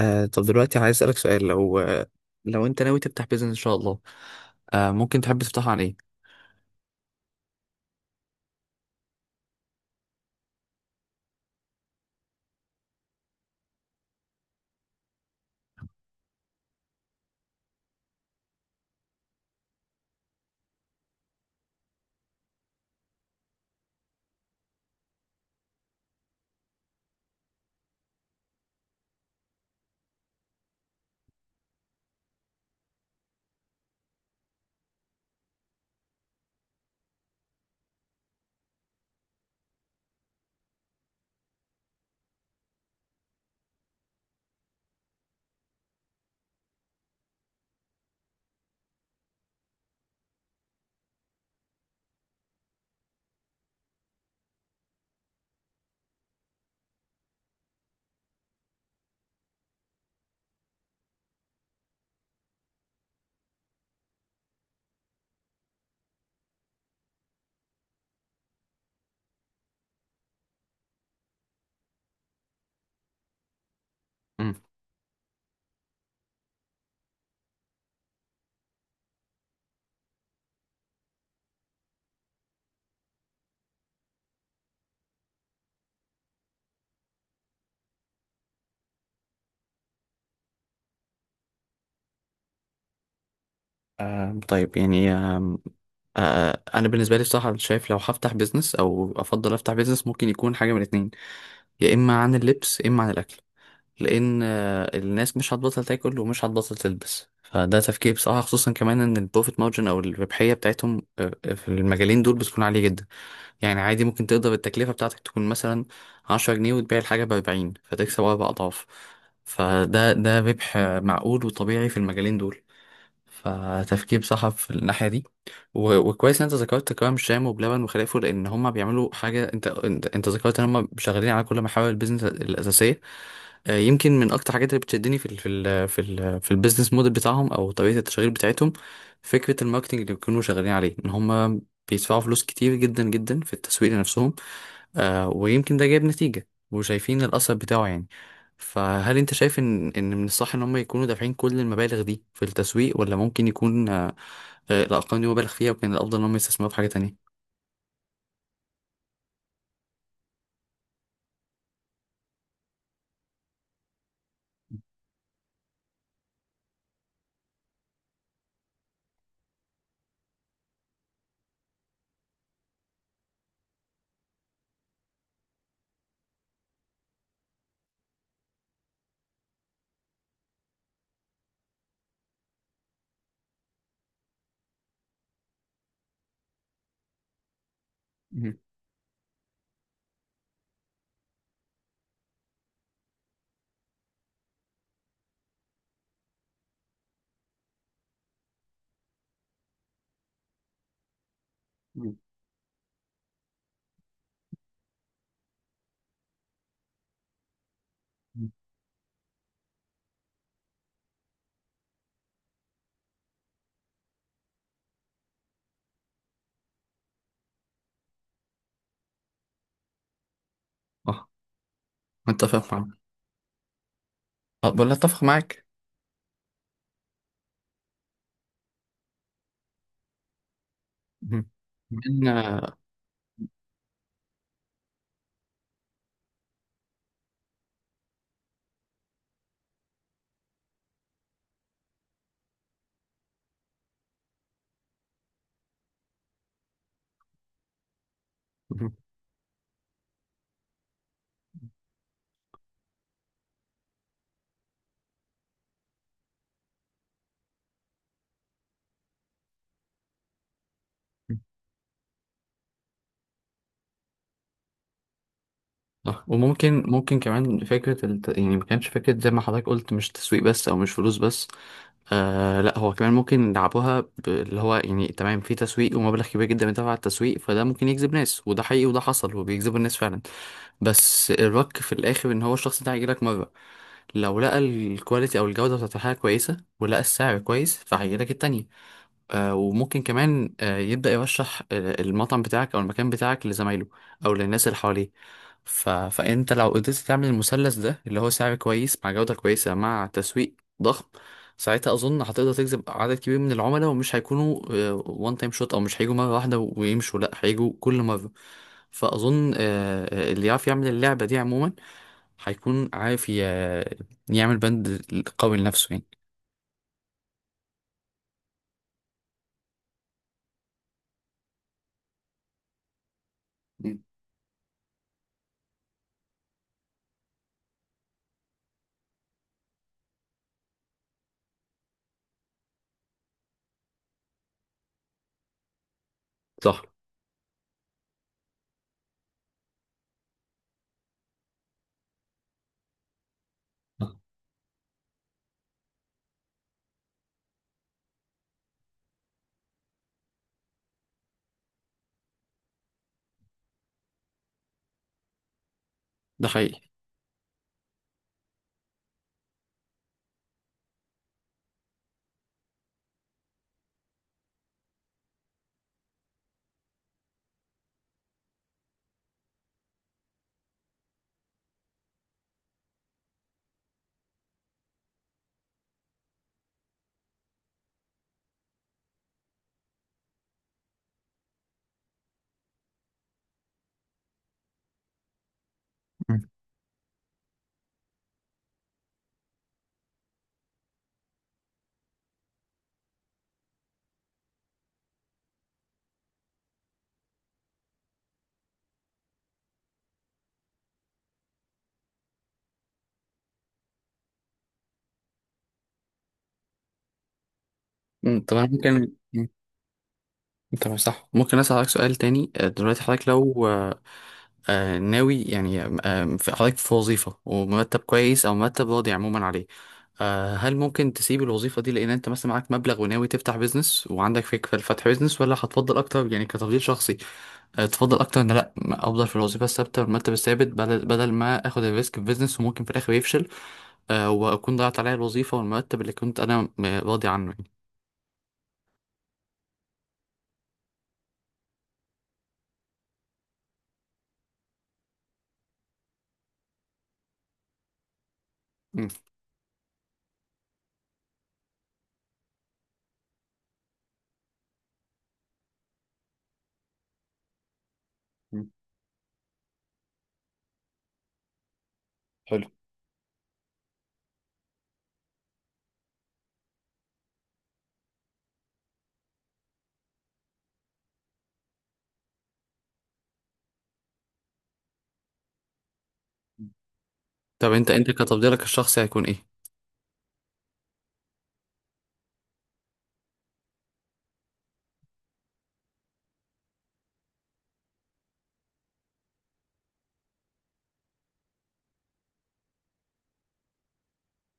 طب دلوقتي عايز اسألك سؤال، لو انت ناوي تفتح بيزنس ان شاء الله. ممكن تحب تفتحه عن ايه؟ مم. طيب، يعني انا بالنسبه لي بصراحه شايف لو هفتح بيزنس او افضل افتح بيزنس ممكن يكون حاجه من الاتنين، يا اما عن اللبس يا اما عن الاكل، لان الناس مش هتبطل تاكل ومش هتبطل تلبس. فده تفكير بصراحه، خصوصا كمان ان البروفيت مارجن او الربحيه بتاعتهم في المجالين دول بتكون عاليه جدا. يعني عادي ممكن تقدر التكلفة بتاعتك تكون مثلا 10 جنيه وتبيع الحاجة ب40 فتكسب أربع أضعاف. فده ربح معقول وطبيعي في المجالين دول، فتفكير صح في الناحية دي. و- وكويس إن أنت ذكرت كرم شام وبلبن وخلافه، لأن هما بيعملوا حاجة. انت ذكرت إن هما شغالين على كل محاور البيزنس الأساسية. يمكن من اكتر حاجات اللي بتشدني في البيزنس موديل بتاعهم او طريقه التشغيل بتاعتهم، فكره الماركتنج اللي بيكونوا شغالين عليه ان هم بيدفعوا فلوس كتير جدا جدا في التسويق لنفسهم. ويمكن ده جايب نتيجه وشايفين الاثر بتاعه يعني. فهل انت شايف ان من الصح ان هم يكونوا دافعين كل المبالغ دي في التسويق، ولا ممكن يكون الارقام دي مبالغ فيها وكان الافضل ان هم يستثمروا في حاجه تانية؟ مم. مم. مم. اه، متفق معاك. ولا اتفق معاك. مم. إن، مم. صح. وممكن، ممكن كمان فكرة يعني ما كانش فكرة زي ما حضرتك قلت، مش تسويق بس أو مش فلوس بس. آه لا، هو كمان ممكن يلعبوها اللي هو يعني تمام، في تسويق ومبلغ كبير جدا بيدفع على التسويق، فده ممكن يجذب ناس، وده حقيقي وده حصل وبيجذبوا الناس فعلا. بس الرك في الآخر إن هو الشخص ده هيجيلك مرة، لو لقى الكواليتي أو الجودة بتاعت الحاجة كويسة ولقى السعر كويس فهيجيلك التانية. وممكن كمان يبدأ يرشح المطعم بتاعك أو المكان بتاعك لزمايله أو للناس اللي حواليه. ف... فأنت لو قدرت تعمل المثلث ده، اللي هو سعر كويس مع جودة كويسة مع تسويق ضخم، ساعتها أظن هتقدر تجذب عدد كبير من العملاء، ومش هيكونوا وان تايم شوت أو مش هيجوا مرة واحدة ويمشوا، لأ هيجوا كل مرة. فأظن اللي يعرف يعمل اللعبة دي عموما هيكون عارف يعمل بند قوي لنفسه يعني. مم. صح، ده حقيقي. مم، طب انا ممكن مم، طب صح، ممكن اسالك سؤال تاني؟ دلوقتي حضرتك لو ناوي يعني حضرتك في وظيفه ومرتب كويس او مرتب راضي عموما عليه، هل ممكن تسيب الوظيفه دي لان انت مثلا معاك مبلغ وناوي تفتح بيزنس وعندك فكره لفتح بيزنس، ولا هتفضل اكتر؟ يعني كتفضيل شخصي، تفضل اكتر ان لا، ما افضل في الوظيفه الثابته والمرتب الثابت، بدل ما اخد الريسك في بيزنس وممكن في الاخر يفشل، واكون ضيعت عليا الوظيفه والمرتب اللي كنت انا راضي عنه يعني. مم. طب انت كتفضيلك الشخصي هيكون ايه؟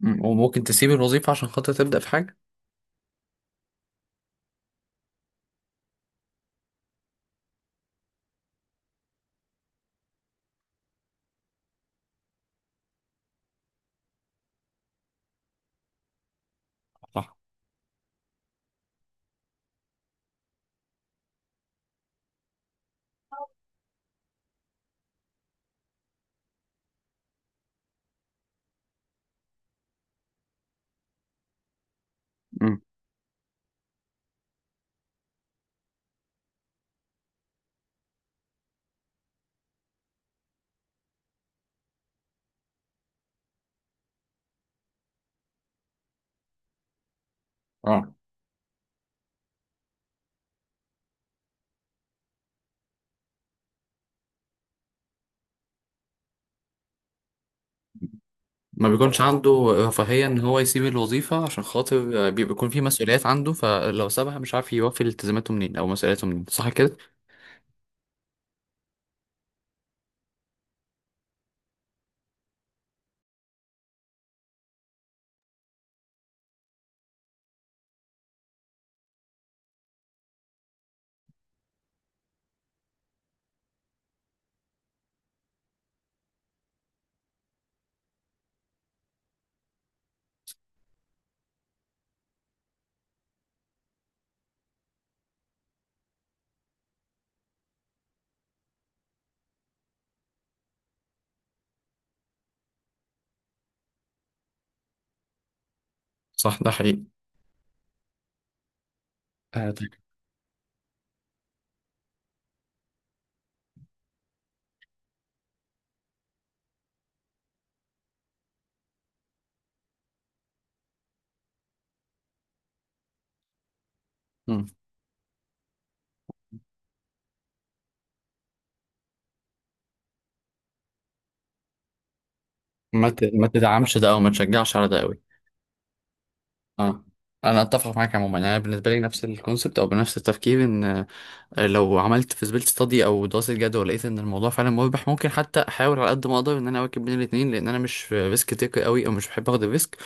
مم. وممكن تسيب الوظيفة عشان خاطر تبدأ في حاجة؟ صح. مم. اه، ما بيكونش عنده رفاهية ان هو يسيب الوظيفة، عشان خاطر بي- بيكون في مسؤوليات عنده، فلو سابها مش عارف يوفي التزاماته منين او مسؤولياته منين، صح كده؟ صح، ده حقيقي. آه طيب. مم. ما تدعمش ده او ما تشجعش على ده قوي. اه، انا اتفق معاك عموما. انا بالنسبه لي نفس الكونسبت او بنفس التفكير، ان لو عملت فيزبيلتي ستادي او دراسه جدوى، ولقيت ان الموضوع فعلا مربح، ممكن حتى احاول على قد ما اقدر ان انا اواكب بين الاثنين، لان انا مش ريسك تيكر قوي او مش بحب اخد الريسك.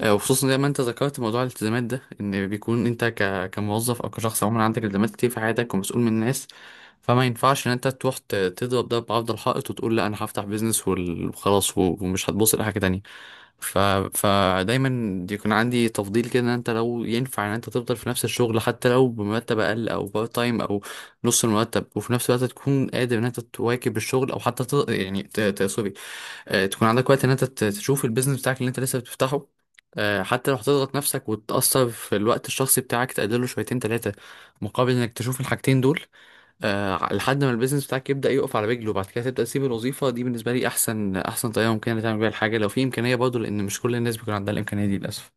وخصوصا زي ما انت ذكرت موضوع الالتزامات ده، ان بيكون انت ك... كموظف او كشخص عموما عندك التزامات كتير في حياتك ومسؤول من الناس، فما ينفعش ان انت تروح تضرب ده بعرض الحائط وتقول لا انا هفتح بيزنس وخلاص و- ومش هتبص لحاجه تانية. ف... فدايما يكون عندي تفضيل كده، ان انت لو ينفع ان انت تفضل في نفس الشغل حتى لو بمرتب اقل او بارت تايم او نص المرتب، وفي نفس الوقت تكون قادر ان انت تواكب الشغل، او حتى ت... يعني ت... ت... سوري تكون عندك وقت ان انت تشوف البيزنس بتاعك اللي انت لسه بتفتحه، حتى لو هتضغط نفسك وتأثر في الوقت الشخصي بتاعك تقلله شويتين تلاتة، مقابل انك تشوف الحاجتين دول، آه لحد ما البيزنس بتاعك يبدأ يقف على رجله وبعد كده تبدأ تسيب الوظيفة دي. بالنسبة لي أحسن أحسن طريقة ممكنة تعمل بيها الحاجة، لو في إمكانية برضه، لأن مش كل الناس بيكون عندها الإمكانية دي للأسف.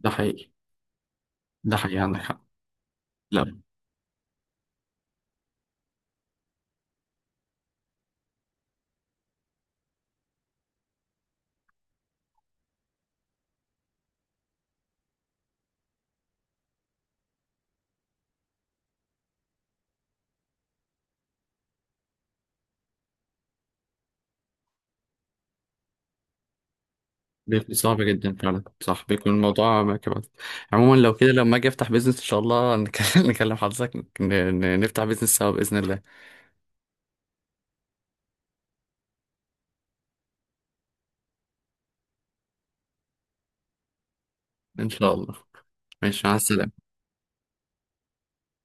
ده حقيقي. ده حقيقي، عندك حق. لا، بيكون صعب جدا فعلا. صح، بيكون الموضوع ما كمان. عموما لو كده، لما أجي أفتح بيزنس إن شاء الله نكلم نكلم حضرتك. ن- ن- نفتح بيزنس سوا بإذن الله. إن شاء الله، ماشي، مع السلامة.